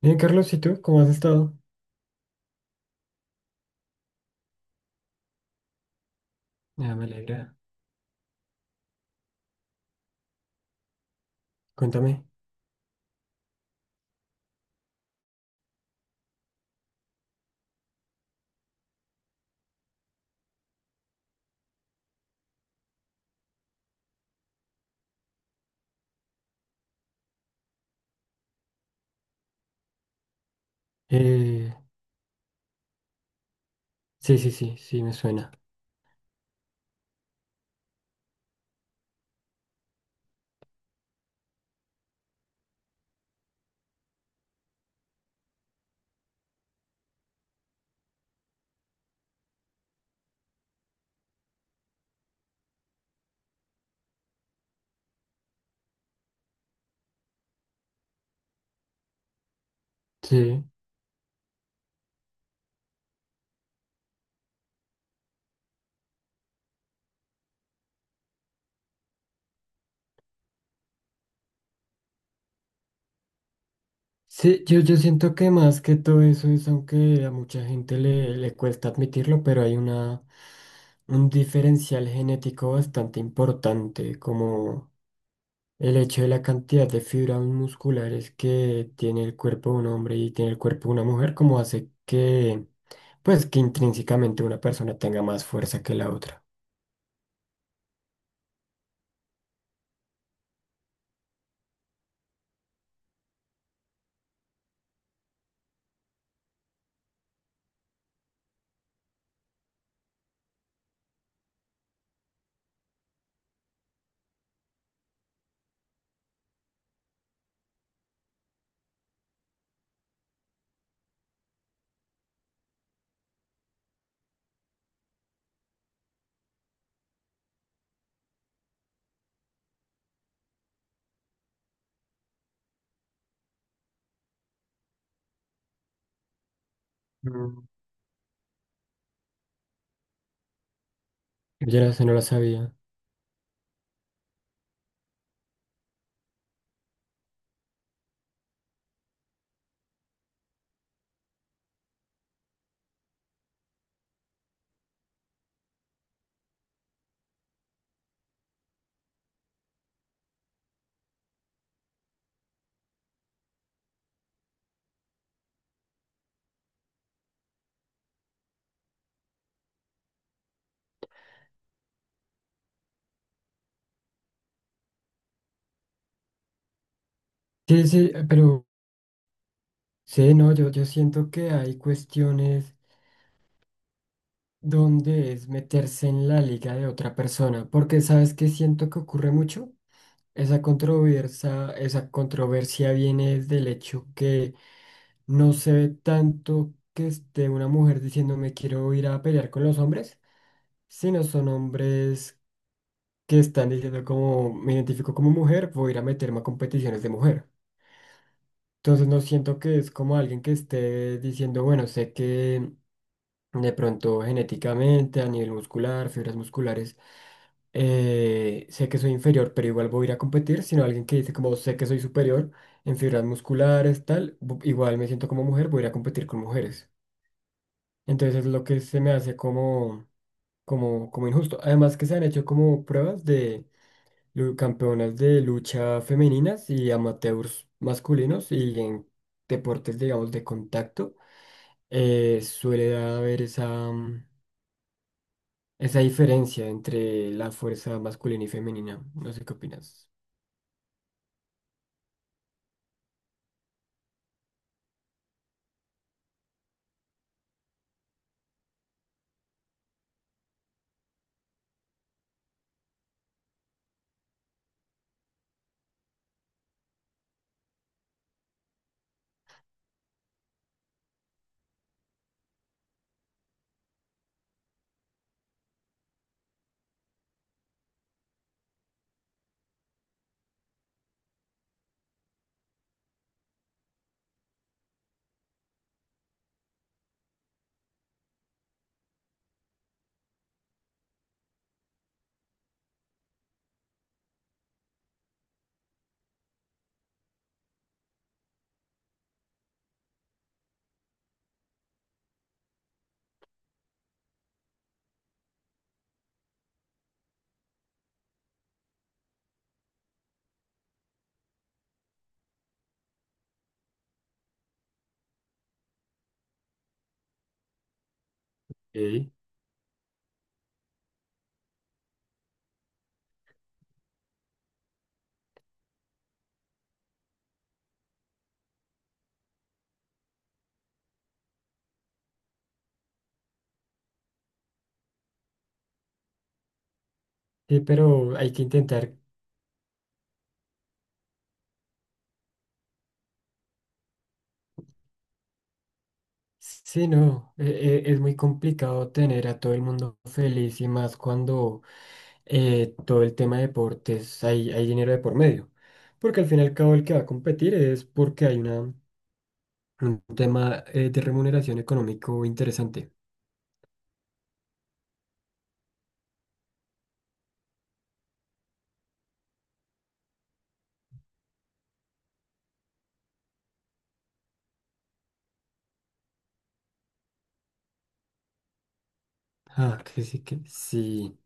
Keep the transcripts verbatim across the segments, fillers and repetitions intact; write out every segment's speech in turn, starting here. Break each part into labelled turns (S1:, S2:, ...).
S1: Bien, Carlos, ¿y tú? ¿Cómo has estado? Ah, me alegra. Cuéntame. Eh, sí, sí, sí, sí, me suena. Sí. Sí, yo, yo siento que más que todo eso es, aunque a mucha gente le, le cuesta admitirlo, pero hay una, un diferencial genético bastante importante, como el hecho de la cantidad de fibras musculares que tiene el cuerpo de un hombre y tiene el cuerpo de una mujer, como hace que, pues, que intrínsecamente una persona tenga más fuerza que la otra. Yo no sé, no lo sabía. Sí, sí, pero sí, no, yo, yo siento que hay cuestiones donde es meterse en la liga de otra persona, porque ¿sabes qué siento que ocurre mucho? Esa controversia, esa controversia viene del hecho que no se ve tanto que esté una mujer diciendo me quiero ir a pelear con los hombres, sino son hombres que están diciendo como me identifico como mujer, voy a ir a meterme a competiciones de mujer. Entonces no siento que es como alguien que esté diciendo, bueno, sé que de pronto genéticamente, a nivel muscular, fibras musculares, eh, sé que soy inferior, pero igual voy a ir a competir, sino alguien que dice como sé que soy superior en fibras musculares, tal, bu- igual me siento como mujer, voy a ir a competir con mujeres. Entonces es lo que se me hace como, como, como injusto. Además que se han hecho como pruebas de lu- campeonas de lucha femeninas y amateurs masculinos y en deportes, digamos, de contacto. Eh, suele haber esa, mm, esa diferencia entre la fuerza masculina y femenina. No sé qué opinas. Ok. Sí, pero hay que intentar. Sí, no, e- e- es muy complicado tener a todo el mundo feliz y más cuando eh, todo el tema de deportes hay, hay dinero de por medio. Porque al fin y al cabo el que va a competir es porque hay una, un tema eh, de remuneración económico interesante. Ah, que sí, que sí.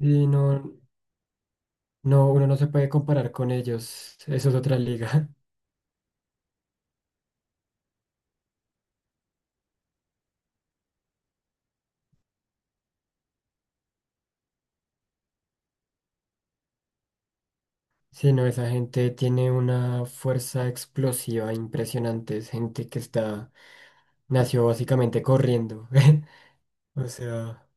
S1: Sí, no. No, uno no se puede comparar con ellos. Eso es otra liga. Sí, no, esa gente tiene una fuerza explosiva impresionante. Es gente que está, nació básicamente corriendo. O sea,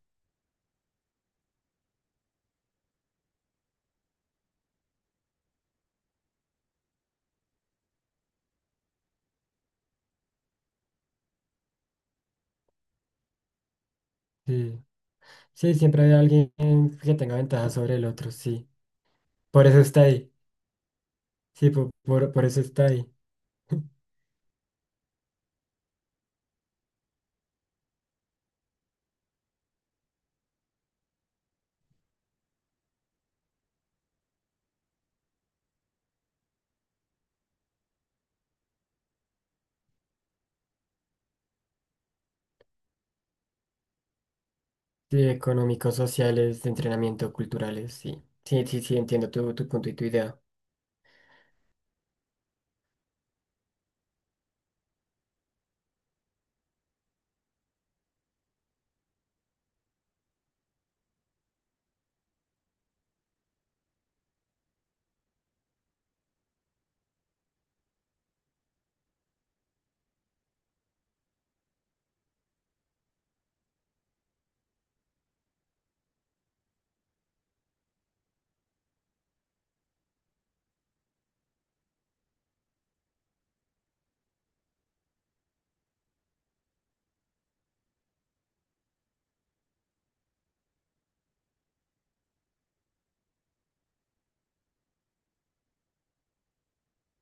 S1: sí. Sí, siempre hay alguien que tenga ventaja sobre el otro, sí. Por eso está ahí. Sí, po- por, por, eso está ahí. Sí, económicos, sociales, de entrenamiento, culturales, sí. Sí, sí, sí, entiendo tu, tu punto y tu idea.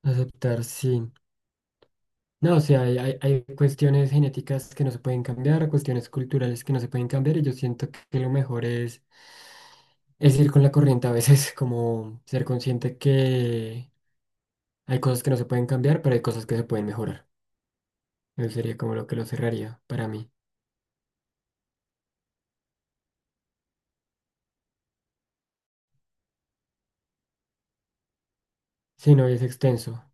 S1: Aceptar, sí. No, o sea, hay, hay- hay cuestiones genéticas que no se pueden cambiar, cuestiones culturales que no se pueden cambiar, y yo siento que lo mejor es, es ir con la corriente a veces, como ser consciente que hay cosas que no se pueden cambiar, pero hay cosas que se pueden mejorar. Eso sería como lo que lo cerraría para mí. Sí, no, y es extenso.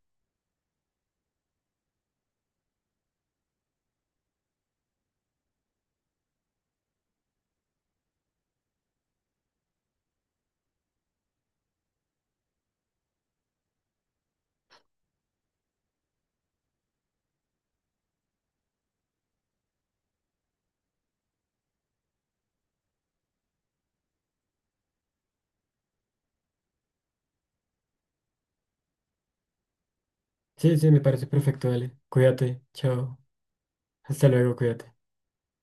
S1: Sí, sí, me parece perfecto, dale. Cuídate, chao. Hasta luego, cuídate.